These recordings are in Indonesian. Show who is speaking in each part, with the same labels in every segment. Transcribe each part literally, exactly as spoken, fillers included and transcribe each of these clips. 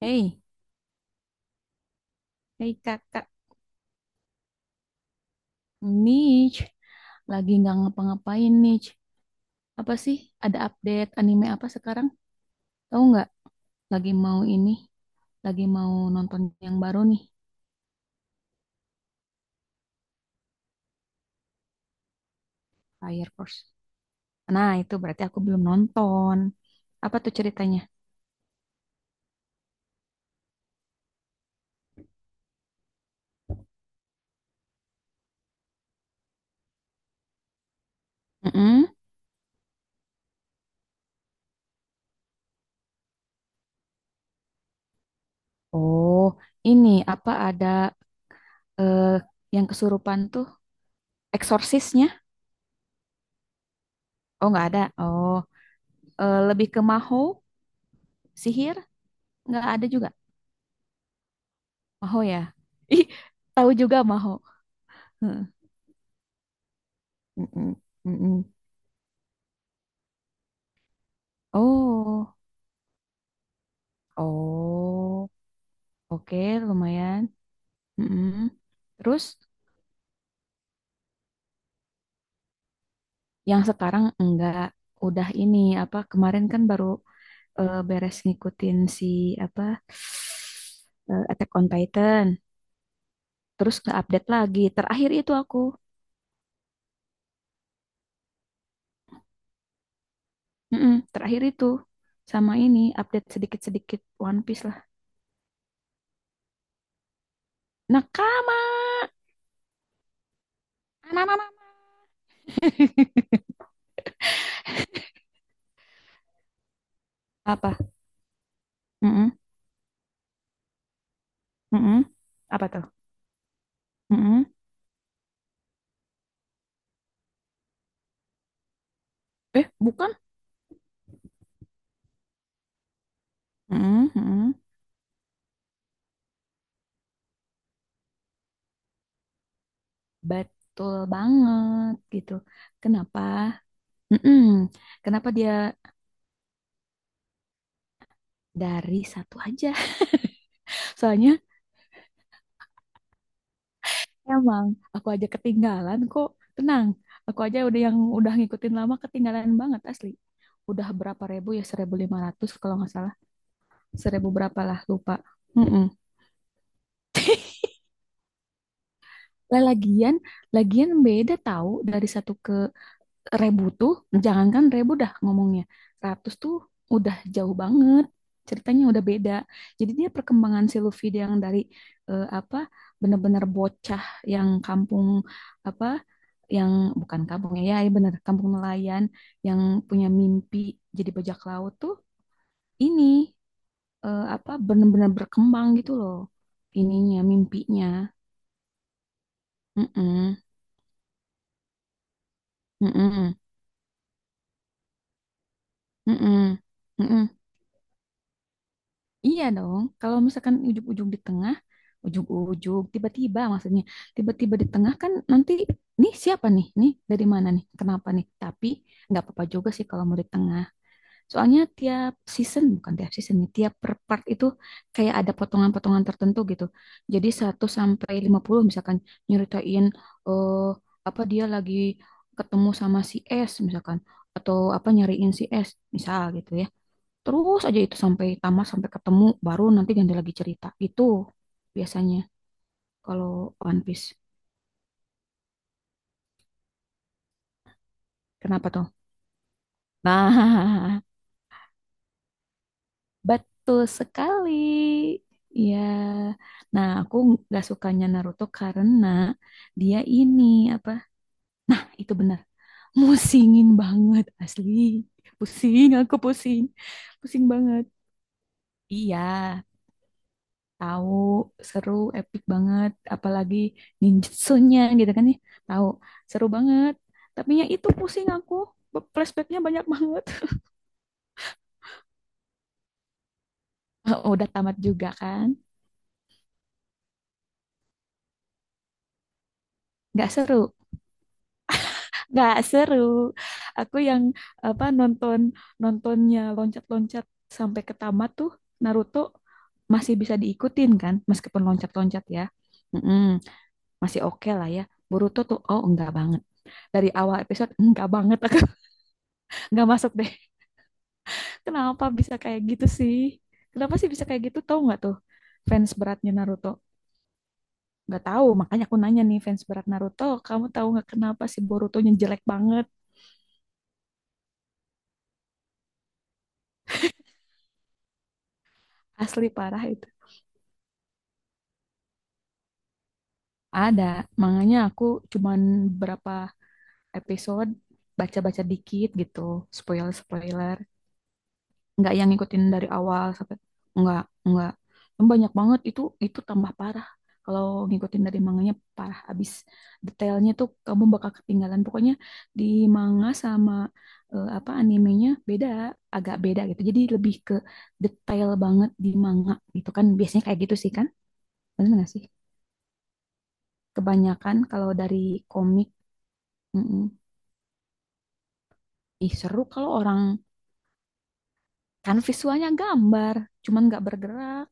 Speaker 1: Hei, hei kakak, Nich, lagi nggak ngapa-ngapain Nich. Apa sih? Ada update anime apa sekarang? Tahu nggak? Lagi mau ini, lagi mau nonton yang baru nih, Fire Force. Nah, itu berarti aku belum nonton. Apa tuh ceritanya? Mm-mm. Oh, ini apa ada eh, yang kesurupan tuh? Eksorsisnya? Oh, nggak ada. Oh, eh, lebih ke maho, sihir? Nggak ada juga. Maho ya? Ih, tahu juga maho. Mm-mm, mm-mm. Oh, oh, oke, lumayan. Mm-mm. Terus yang sekarang enggak udah ini apa kemarin kan baru eh, beres ngikutin si apa eh, Attack on Titan. Terus nggak update lagi. Terakhir itu aku, mm-mm, terakhir itu sama ini update sedikit-sedikit One Piece lah. Nakama, Ananana. Apa? Mm-mm, mm-mm. Apa tuh? Mm-mm. Eh, bukan? Mm-mm, mm-mm. Betul banget gitu. Kenapa? Mm-mm. Kenapa dia dari satu aja? Soalnya emang aku aja ketinggalan kok. Tenang, aku aja udah yang udah ngikutin lama ketinggalan banget asli. Udah berapa ribu ya? Seribu lima ratus kalau nggak salah. Seribu berapa lah, lupa. Mm-mm. Lah, lagian, lagian beda tahu dari satu ke Rebu tuh, jangankan Rebu dah ngomongnya. Ratus tuh udah jauh banget. Ceritanya udah beda. Jadi dia perkembangan si Luffy dia yang dari eh, apa bener-bener bocah yang kampung apa yang bukan kampung ya, ya bener kampung nelayan yang punya mimpi jadi bajak laut tuh ini eh, apa bener-bener berkembang gitu loh ininya mimpinya. Mm-mm, mm-mm, mm-mm, mm-mm. Iya dong, kalau misalkan ujung-ujung di tengah, ujung-ujung, tiba-tiba maksudnya, tiba-tiba di tengah kan nanti, nih siapa nih, nih dari mana nih, kenapa nih, tapi nggak apa-apa juga sih kalau mau di tengah. Soalnya tiap season, bukan tiap season nih, tiap per part itu kayak ada potongan-potongan tertentu gitu. Jadi satu sampai lima puluh misalkan nyeritain, eh apa dia lagi ketemu sama si S misalkan, atau apa nyariin si S, misal gitu ya. Terus aja itu sampai tamat, sampai ketemu, baru nanti ganti lagi cerita. Itu biasanya kalau One Piece. Kenapa tuh? Nah, betul sekali. Iya. Nah, aku nggak sukanya Naruto karena dia ini apa? Nah, itu benar. Musingin banget asli. Pusing, aku pusing. Pusing banget. Iya, tahu seru epic banget apalagi ninjutsunya gitu kan ya. Tahu seru banget. Tapi ya itu pusing aku. Be- Flashbacknya banyak banget. Oh, udah tamat juga kan. Nggak seru. Nggak seru. Aku yang apa nonton nontonnya loncat-loncat sampai ke tamat tuh Naruto masih bisa diikutin kan meskipun loncat-loncat ya. Mm-mm, masih oke lah ya. Boruto tuh oh enggak banget. Dari awal episode enggak banget aku enggak masuk deh. Kenapa bisa kayak gitu sih? Kenapa sih bisa kayak gitu? Tahu nggak tuh fans beratnya Naruto? Nggak tahu, makanya aku nanya nih fans berat Naruto, kamu tahu nggak kenapa sih Borutonya jelek banget? Asli parah itu. Ada, makanya aku cuman berapa episode baca-baca dikit gitu, spoiler-spoiler. Nggak yang ngikutin dari awal sampai nggak nggak. Yang banyak banget itu itu tambah parah kalau ngikutin dari manganya parah abis detailnya tuh kamu bakal ketinggalan pokoknya di manga sama eh, apa animenya beda agak beda gitu jadi lebih ke detail banget di manga gitu kan biasanya kayak gitu sih kan bener nggak sih kebanyakan kalau dari komik. Mm-mm. Ih seru kalau orang kan visualnya gambar cuman nggak bergerak.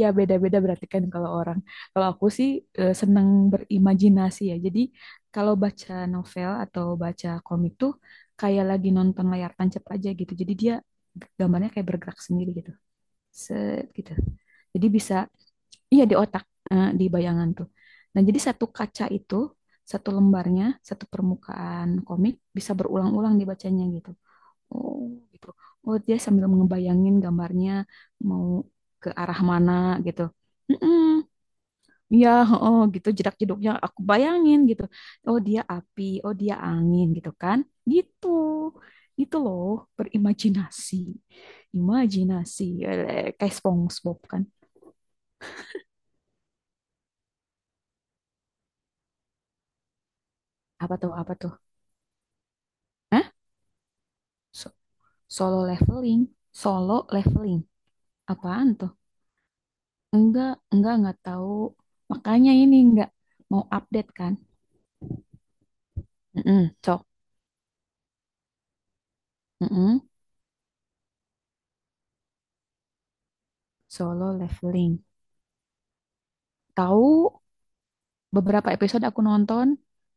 Speaker 1: Ya beda-beda berarti kan kalau orang. Kalau aku sih eh, seneng berimajinasi ya. Jadi kalau baca novel atau baca komik tuh kayak lagi nonton layar tancap aja gitu. Jadi dia gambarnya kayak bergerak sendiri gitu. Set gitu. Jadi bisa iya di otak, eh, di bayangan tuh. Nah, jadi satu kaca itu, satu lembarnya, satu permukaan komik bisa berulang-ulang dibacanya gitu. Oh, gitu. Oh, dia sambil ngebayangin gambarnya mau ke arah mana gitu. mm Ya, oh gitu jedak-jeduknya aku bayangin gitu. Oh, dia api, oh dia angin gitu kan. Gitu. Gitu loh, berimajinasi. Imajinasi. Eh, kayak SpongeBob kan. Apa tuh, apa tuh? Hah? So- solo leveling, solo leveling. Apaan tuh? Enggak, enggak, enggak tahu. Makanya ini enggak mau update kan. Mm-mm, Cok. Mm-mm. Solo Leveling. Tahu beberapa episode aku nonton.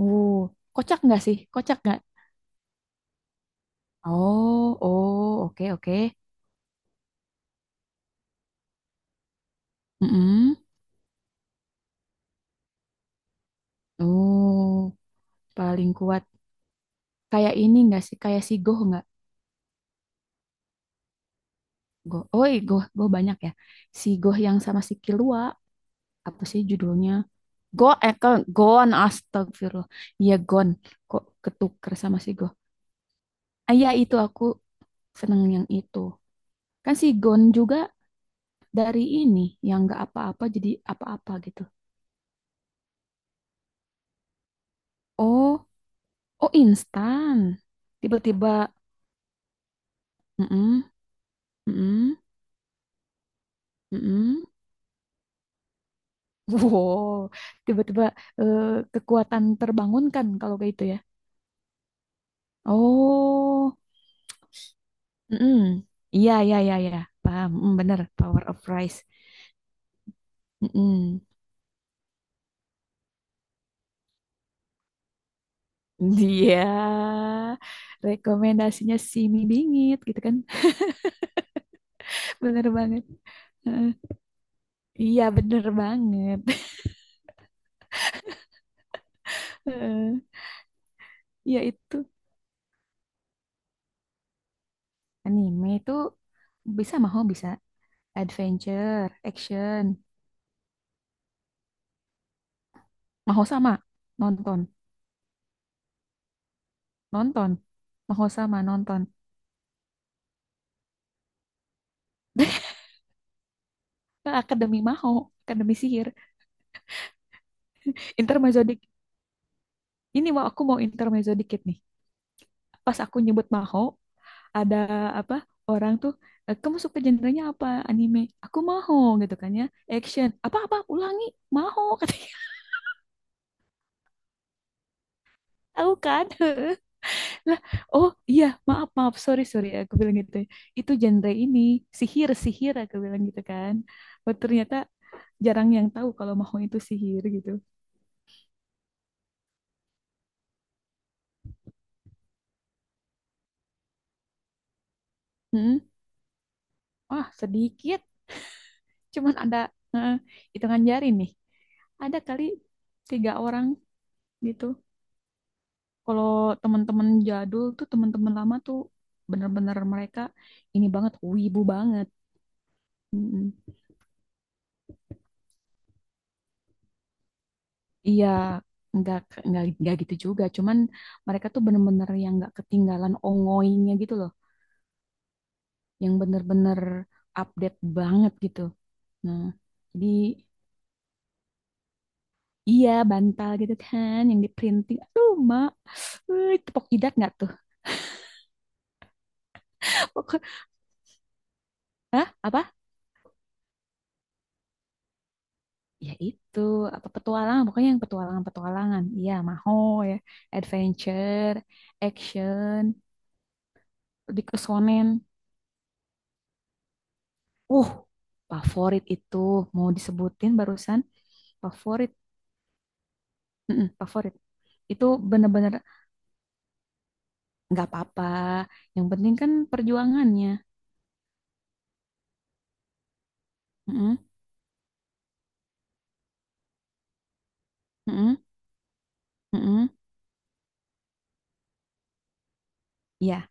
Speaker 1: Uh, kocak nggak sih? Kocak nggak? Oh, oh, oke, oke. Mm-mm. Uh, paling kuat. Kayak ini nggak sih? Kayak si Goh nggak? Goh. Oh, iya, Goh, Goh banyak ya. Si Goh yang sama si Kilua. Apa sih judulnya? Go, eh, ke- Gon, astagfirullah. Iya, Gon. Kok ketuker sama si Goh? Ah, iya, itu aku seneng yang itu. Kan si Gon juga dari ini yang nggak apa-apa jadi apa-apa gitu. Oh, oh instan. Tiba-tiba, mm-mm, mm-mm, mm-mm. Wow, tiba-tiba eh, kekuatan terbangunkan kalau kayak itu ya. Oh, mm-mm. Iya, iya, iya, iya. Paham, mm, bener. Power of Rice. Mm-mm. Dia rekomendasinya si mie bingit gitu kan. Bener banget. Heeh. Iya, bener banget. Heeh. Iya itu anime itu bisa maho bisa adventure, action, maho sama nonton, nonton, maho sama nonton. Akademi maho, akademi sihir, intermezzo dik- ini mau aku mau intermezzo dikit nih. Pas aku nyebut maho, ada apa? Orang tuh, "Eh, kamu suka genrenya apa? Anime. Aku maho gitu kan ya. Action. Apa-apa? Ulangi. Maho katanya." Tahu kan? Lah, oh iya, maaf, maaf, sorry, sorry, aku bilang gitu ya. Itu genre ini, sihir, sihir, aku bilang gitu kan. Oh, ternyata jarang yang tahu kalau mau itu sihir gitu. Hmm, wah, sedikit, cuman ada eh, hitungan jari nih. Ada kali tiga orang gitu. Kalau teman-teman jadul tuh, teman-teman lama tuh, bener-bener mereka ini banget, wibu banget. Mm-mm. Iya, nggak nggak nggak gitu juga. Cuman mereka tuh bener-bener yang nggak ketinggalan ongoingnya gitu loh, yang bener-bener update banget gitu. Nah, jadi iya bantal gitu kan, yang di printing. Aduh, mak, wih, tepok jidat nggak tuh? Pokok- Hah? Apa? Ya itu, apa petualangan? Pokoknya yang petualangan-petualangan. Iya, maho ya, adventure, action, di kesonen. Uh, favorit itu mau disebutin barusan. Favorit, mm-mm, favorit. Itu bener-bener nggak apa-apa. Yang penting kan perjuangannya. Mm-mm, mm-mm, mm-mm. Iya,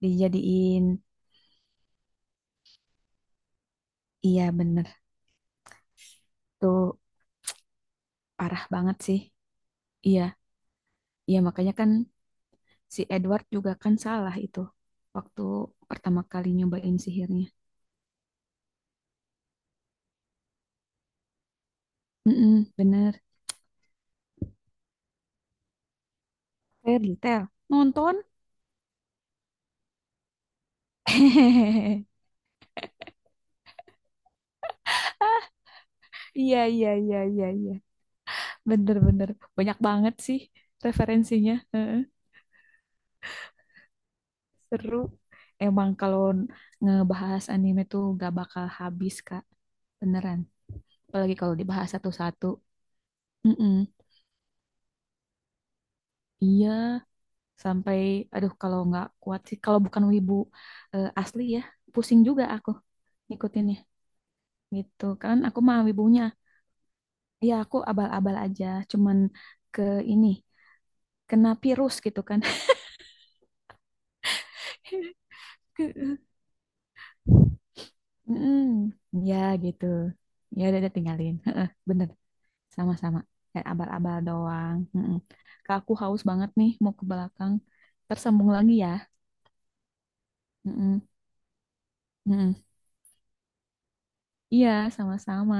Speaker 1: dijadiin. Iya bener. Tuh parah banget sih. Iya, iya makanya kan si Edward juga kan salah itu. Waktu pertama kali nyobain sihirnya. Mm-mm, bener. Fairy Tail. Nonton. Iya, iya, iya, iya, iya. Bener-bener. Banyak banget sih referensinya. Seru. Emang kalau ngebahas anime tuh gak bakal habis, Kak. Beneran. Apalagi kalau dibahas satu-satu. Mm-mm. Iya, sampai aduh kalau nggak kuat sih kalau bukan wibu eh, asli ya, pusing juga aku ngikutinnya gitu. Kan aku mah wibunya. Iya, aku abal-abal aja, cuman ke ini, kena virus gitu kan. mm Ya gitu. Ya udah udah, tinggalin. Bener. Sama-sama. Kayak abal-abal doang. Mm-mm. Kak, aku haus banget nih mau ke belakang. Tersambung lagi ya. Mm-mm. Mm-mm. Iya, sama-sama.